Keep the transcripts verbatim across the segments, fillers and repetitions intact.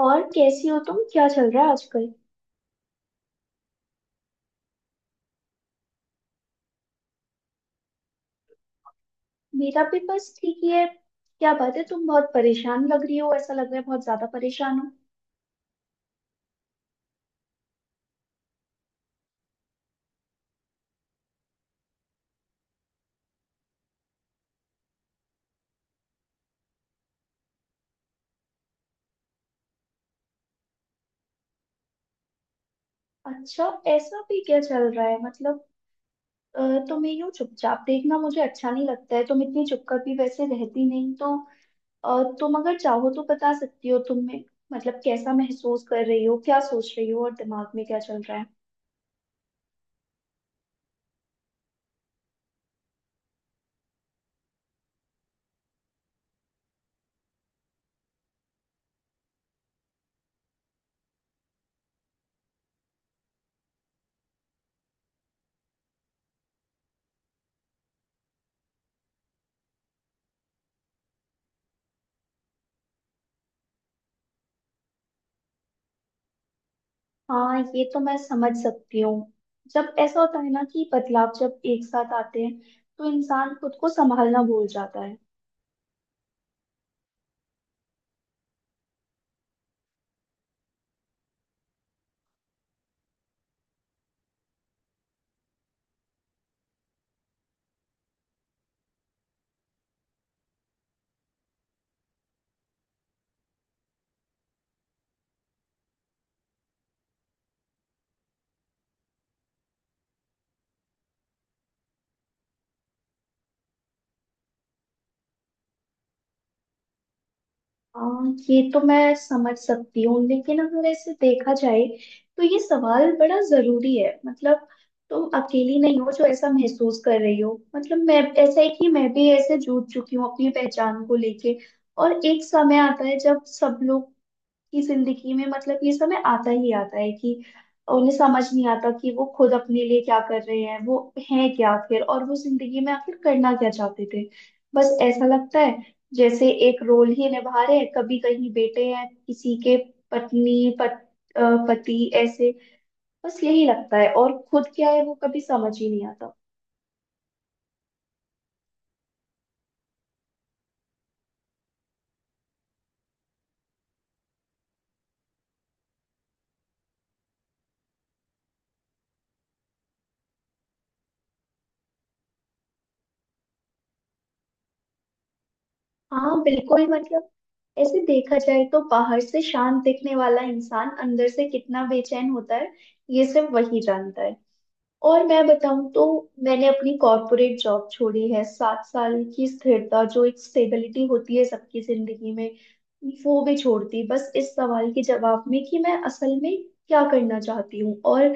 और कैसी हो तुम? क्या चल रहा है आजकल? मेरा भी बस ठीक ही है। क्या बात है? तुम बहुत परेशान लग रही हो, ऐसा लग रहा है बहुत ज्यादा परेशान हो। अच्छा। ऐसा भी क्या चल रहा है? मतलब अ, तुम्हें यूं चुपचाप देखना मुझे अच्छा नहीं लगता है, तुम इतनी चुपकर भी वैसे रहती नहीं तो। अ, तुम अगर चाहो तो बता सकती हो, तुम में मतलब कैसा महसूस कर रही हो, क्या सोच रही हो, और दिमाग में क्या चल रहा है? हाँ, ये तो मैं समझ सकती हूँ। जब ऐसा होता है ना कि बदलाव जब एक साथ आते हैं तो इंसान खुद को संभालना भूल जाता है। हाँ, ये तो मैं समझ सकती हूँ, लेकिन अगर ऐसे देखा जाए तो ये सवाल बड़ा जरूरी है। मतलब तुम अकेली नहीं हो जो ऐसा महसूस कर रही हो। मतलब मैं, ऐसा है कि मैं भी ऐसे जूझ चुकी हूँ अपनी पहचान को लेके। और एक समय आता है जब सब लोग की जिंदगी में, मतलब ये समय आता ही आता है कि उन्हें समझ नहीं आता कि वो खुद अपने लिए क्या कर रहे हैं, वो हैं क्या आखिर, और वो जिंदगी में आखिर करना क्या चाहते थे। बस ऐसा लगता है जैसे एक रोल ही निभा रहे हैं। कभी कहीं बेटे हैं किसी के, पत्नी पत, अ, पति, ऐसे। बस यही लगता है और खुद क्या है वो कभी समझ ही नहीं आता। हाँ बिल्कुल। मतलब ऐसे देखा जाए तो बाहर से शांत दिखने वाला इंसान अंदर से कितना बेचैन होता है ये सिर्फ वही जानता है। और मैं बताऊं तो मैंने अपनी कॉर्पोरेट जॉब छोड़ी है, सात साल की स्थिरता जो एक स्टेबिलिटी होती है सबकी जिंदगी में, वो भी छोड़ती बस इस सवाल के जवाब में कि मैं असल में क्या करना चाहती हूँ, और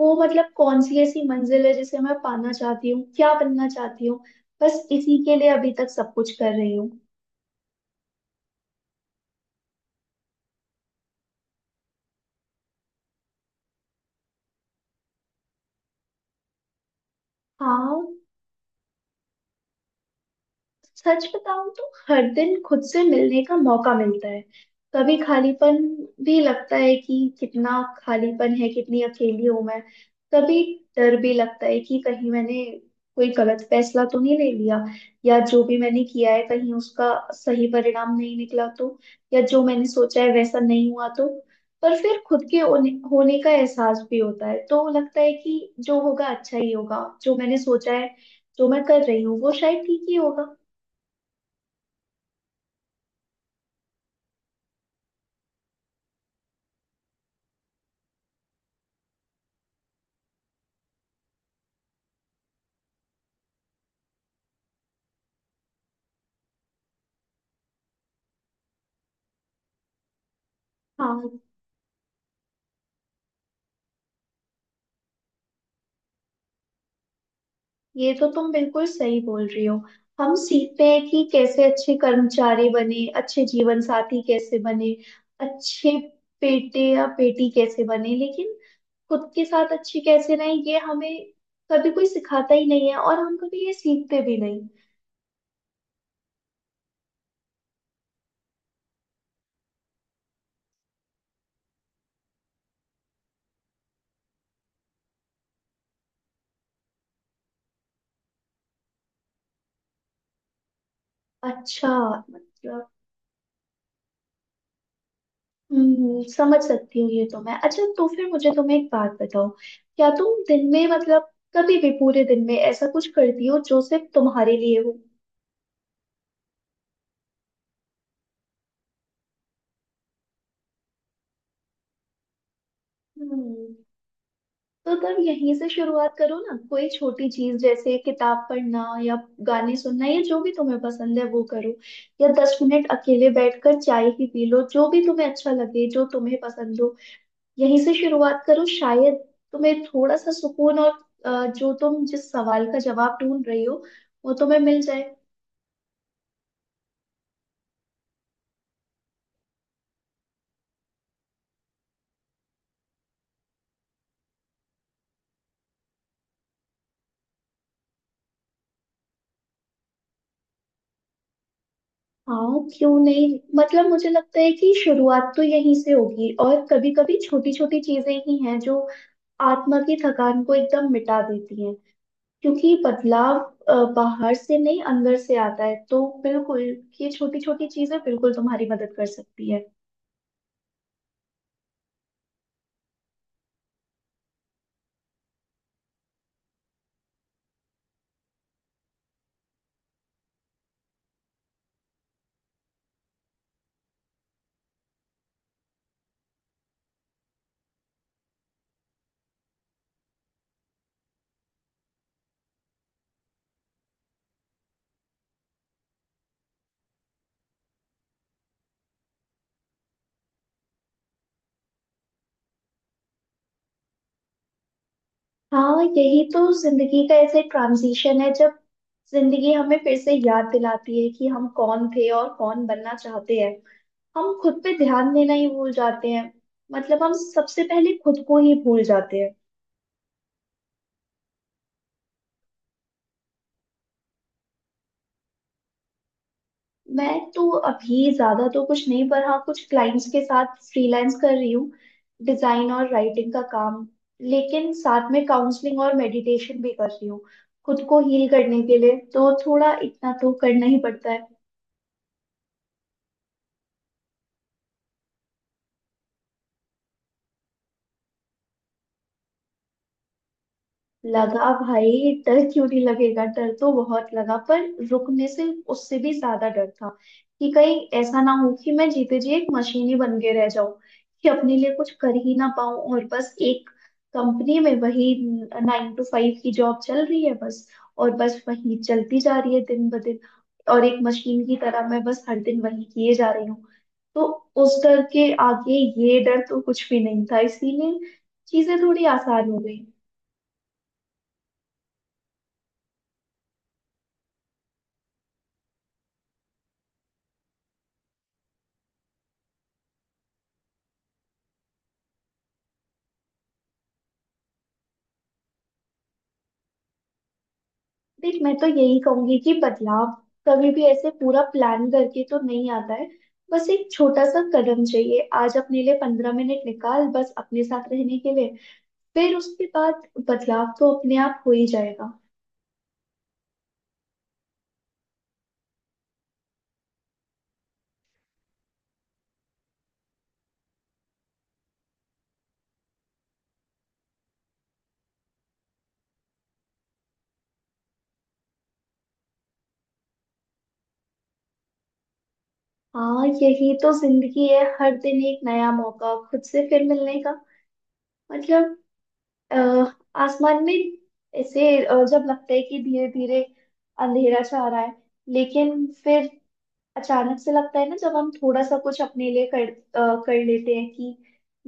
वो मतलब कौन सी ऐसी मंजिल है जिसे मैं पाना चाहती हूँ, क्या बनना चाहती हूँ। बस इसी के लिए अभी तक सब कुछ कर रही हूँ। हाँ, सच बताऊं तो हर दिन खुद से मिलने का मौका मिलता है। कभी खालीपन भी लगता है कि कितना खालीपन है, कितनी अकेली हूं मैं। कभी डर भी लगता है कि कहीं मैंने कोई गलत फैसला तो नहीं ले लिया, या जो भी मैंने किया है कहीं उसका सही परिणाम नहीं निकला तो, या जो मैंने सोचा है वैसा नहीं हुआ तो। पर फिर खुद के होने होने का एहसास भी होता है, तो लगता है कि जो होगा अच्छा ही होगा, जो मैंने सोचा है, जो मैं कर रही हूँ वो शायद ठीक ही होगा। हाँ ये तो तुम बिल्कुल सही बोल रही हो। हम सीखते हैं कि कैसे अच्छे कर्मचारी बने, अच्छे जीवन साथी कैसे बने, अच्छे बेटे या बेटी कैसे बने, लेकिन खुद के साथ अच्छे कैसे रहें ये हमें कभी कोई सिखाता ही नहीं है, और हम कभी ये सीखते भी नहीं। अच्छा। मतलब हम्म समझ सकती हूँ ये तो मैं। अच्छा तो फिर मुझे तुम्हें एक बात बताओ, क्या तुम दिन में, मतलब कभी भी पूरे दिन में ऐसा कुछ करती हो जो सिर्फ तुम्हारे लिए हो? हम्म। तो तब यहीं से शुरुआत करो ना, कोई छोटी चीज जैसे किताब पढ़ना या गाने सुनना या जो भी तुम्हें पसंद है वो करो, या दस मिनट अकेले बैठकर चाय ही पी लो, जो भी तुम्हें अच्छा लगे, जो तुम्हें पसंद हो। यहीं से शुरुआत करो, शायद तुम्हें थोड़ा सा सुकून और अ, जो तुम जिस सवाल का जवाब ढूंढ रही हो वो तुम्हें मिल जाए। हाँ, क्यों नहीं। मतलब मुझे लगता है कि शुरुआत तो यहीं से होगी, और कभी कभी छोटी छोटी चीजें ही हैं जो आत्मा की थकान को एकदम मिटा देती हैं। क्योंकि बदलाव अ, बाहर से नहीं, अंदर से आता है, तो बिल्कुल ये छोटी छोटी चीजें बिल्कुल तुम्हारी मदद कर सकती है। हाँ यही तो जिंदगी का ऐसे ट्रांजिशन है, जब जिंदगी हमें फिर से याद दिलाती है कि हम कौन थे और कौन बनना चाहते हैं। हम खुद पे ध्यान देना ही भूल जाते हैं। मतलब हम सबसे पहले खुद को ही भूल जाते हैं। मैं तो अभी ज्यादा तो कुछ नहीं, पर हाँ, कुछ क्लाइंट्स के साथ फ्रीलांस कर रही हूँ, डिजाइन और राइटिंग का काम। लेकिन साथ में काउंसलिंग और मेडिटेशन भी कर रही हूँ खुद को हील करने के लिए, तो थोड़ा इतना तो करना ही पड़ता है। लगा भाई, डर क्यों नहीं लगेगा, डर तो बहुत लगा, पर रुकने से उससे भी ज्यादा डर था कि कहीं ऐसा ना हो कि मैं जीते जी एक मशीन ही बन के रह जाऊं, कि अपने लिए कुछ कर ही ना पाऊं और बस एक कंपनी में वही नाइन टू फाइव की जॉब चल रही है बस, और बस वही चलती जा रही है दिन ब दिन, और एक मशीन की तरह मैं बस हर दिन वही किए जा रही हूँ। तो उस डर के आगे ये डर तो कुछ भी नहीं था, इसीलिए चीजें थोड़ी आसान हो गई। देख, मैं तो यही कहूंगी कि बदलाव कभी भी ऐसे पूरा प्लान करके तो नहीं आता है। बस एक छोटा सा कदम चाहिए। आज अपने लिए पंद्रह मिनट निकाल बस अपने साथ रहने के लिए, फिर उसके बाद बदलाव तो अपने आप हो ही जाएगा। हाँ यही तो जिंदगी है, हर दिन एक नया मौका खुद से फिर मिलने का। मतलब अ, आसमान में ऐसे अ, जब लगता है कि धीरे धीरे अंधेरा छा रहा है, लेकिन फिर अचानक से लगता है ना जब हम थोड़ा सा कुछ अपने लिए कर अ, कर लेते हैं कि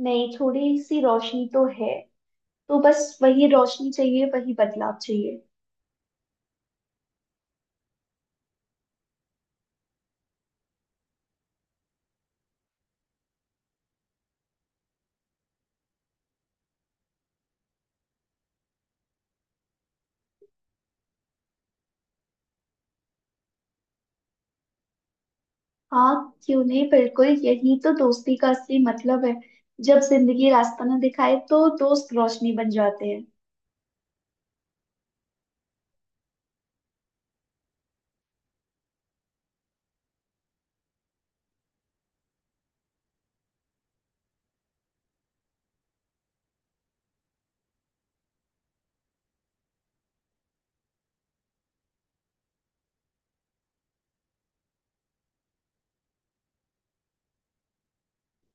नहीं, थोड़ी सी रोशनी तो है, तो बस वही रोशनी चाहिए, वही बदलाव चाहिए। हाँ क्यों नहीं, बिल्कुल यही तो दोस्ती का असली मतलब है। जब जिंदगी रास्ता ना दिखाए तो दोस्त रोशनी बन जाते हैं।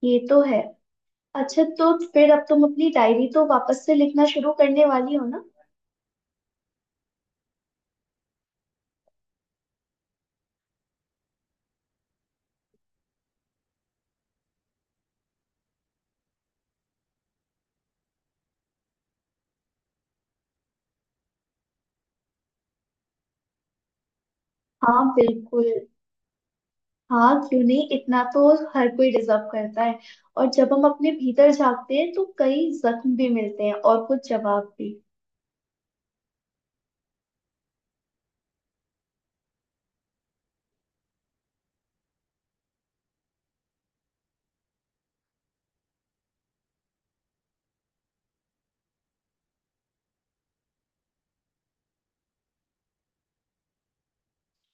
ये तो है। अच्छा तो फिर अब तुम अपनी डायरी तो वापस से लिखना शुरू करने वाली हो ना? हाँ बिल्कुल। हाँ क्यों नहीं, इतना तो हर कोई डिजर्व करता है। और जब हम अपने भीतर झांकते हैं तो कई जख्म भी मिलते हैं और कुछ जवाब भी।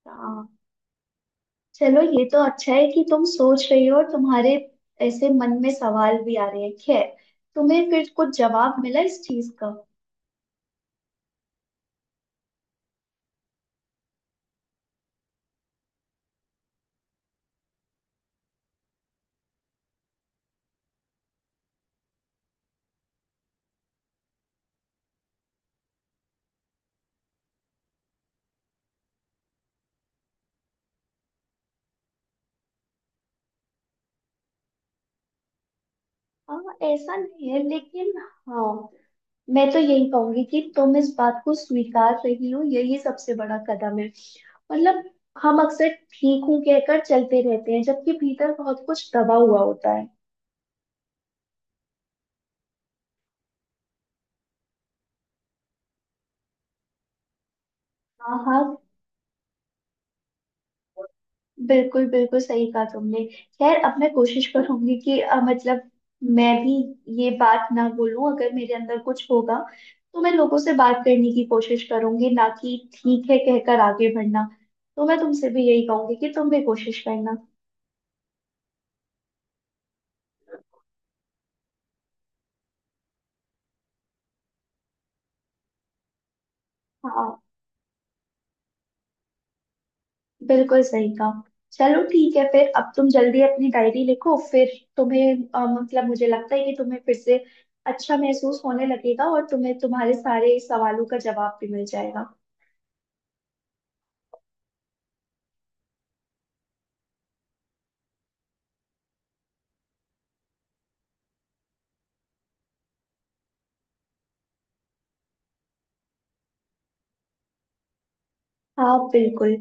हाँ चलो ये तो अच्छा है कि तुम सोच रही हो, और तुम्हारे ऐसे मन में सवाल भी आ रहे हैं। खैर, तुम्हें फिर कुछ जवाब मिला इस चीज का? हाँ ऐसा नहीं है लेकिन। हाँ, मैं तो यही कहूंगी कि तुम इस बात को स्वीकार रही हो, यही सबसे बड़ा कदम है। मतलब हम अक्सर ठीक हूँ कहकर चलते रहते हैं, जबकि भीतर बहुत कुछ दबा हुआ होता है। हाँ हाँ, बिल्कुल बिल्कुल सही कहा तुमने। खैर अब मैं कोशिश करूंगी कि अ, मतलब मैं भी ये बात ना बोलूं, अगर मेरे अंदर कुछ होगा तो मैं लोगों से बात करने की कोशिश करूंगी, ना कि ठीक है कहकर आगे बढ़ना। तो मैं तुमसे भी यही कहूंगी कि तुम भी कोशिश करना। हाँ बिल्कुल सही कहा। चलो ठीक है, फिर अब तुम जल्दी अपनी डायरी लिखो। फिर तुम्हें अ, मतलब मुझे लगता है कि तुम्हें फिर से अच्छा महसूस होने लगेगा और तुम्हें तुम्हारे सारे सवालों का जवाब भी मिल जाएगा। हाँ बिल्कुल।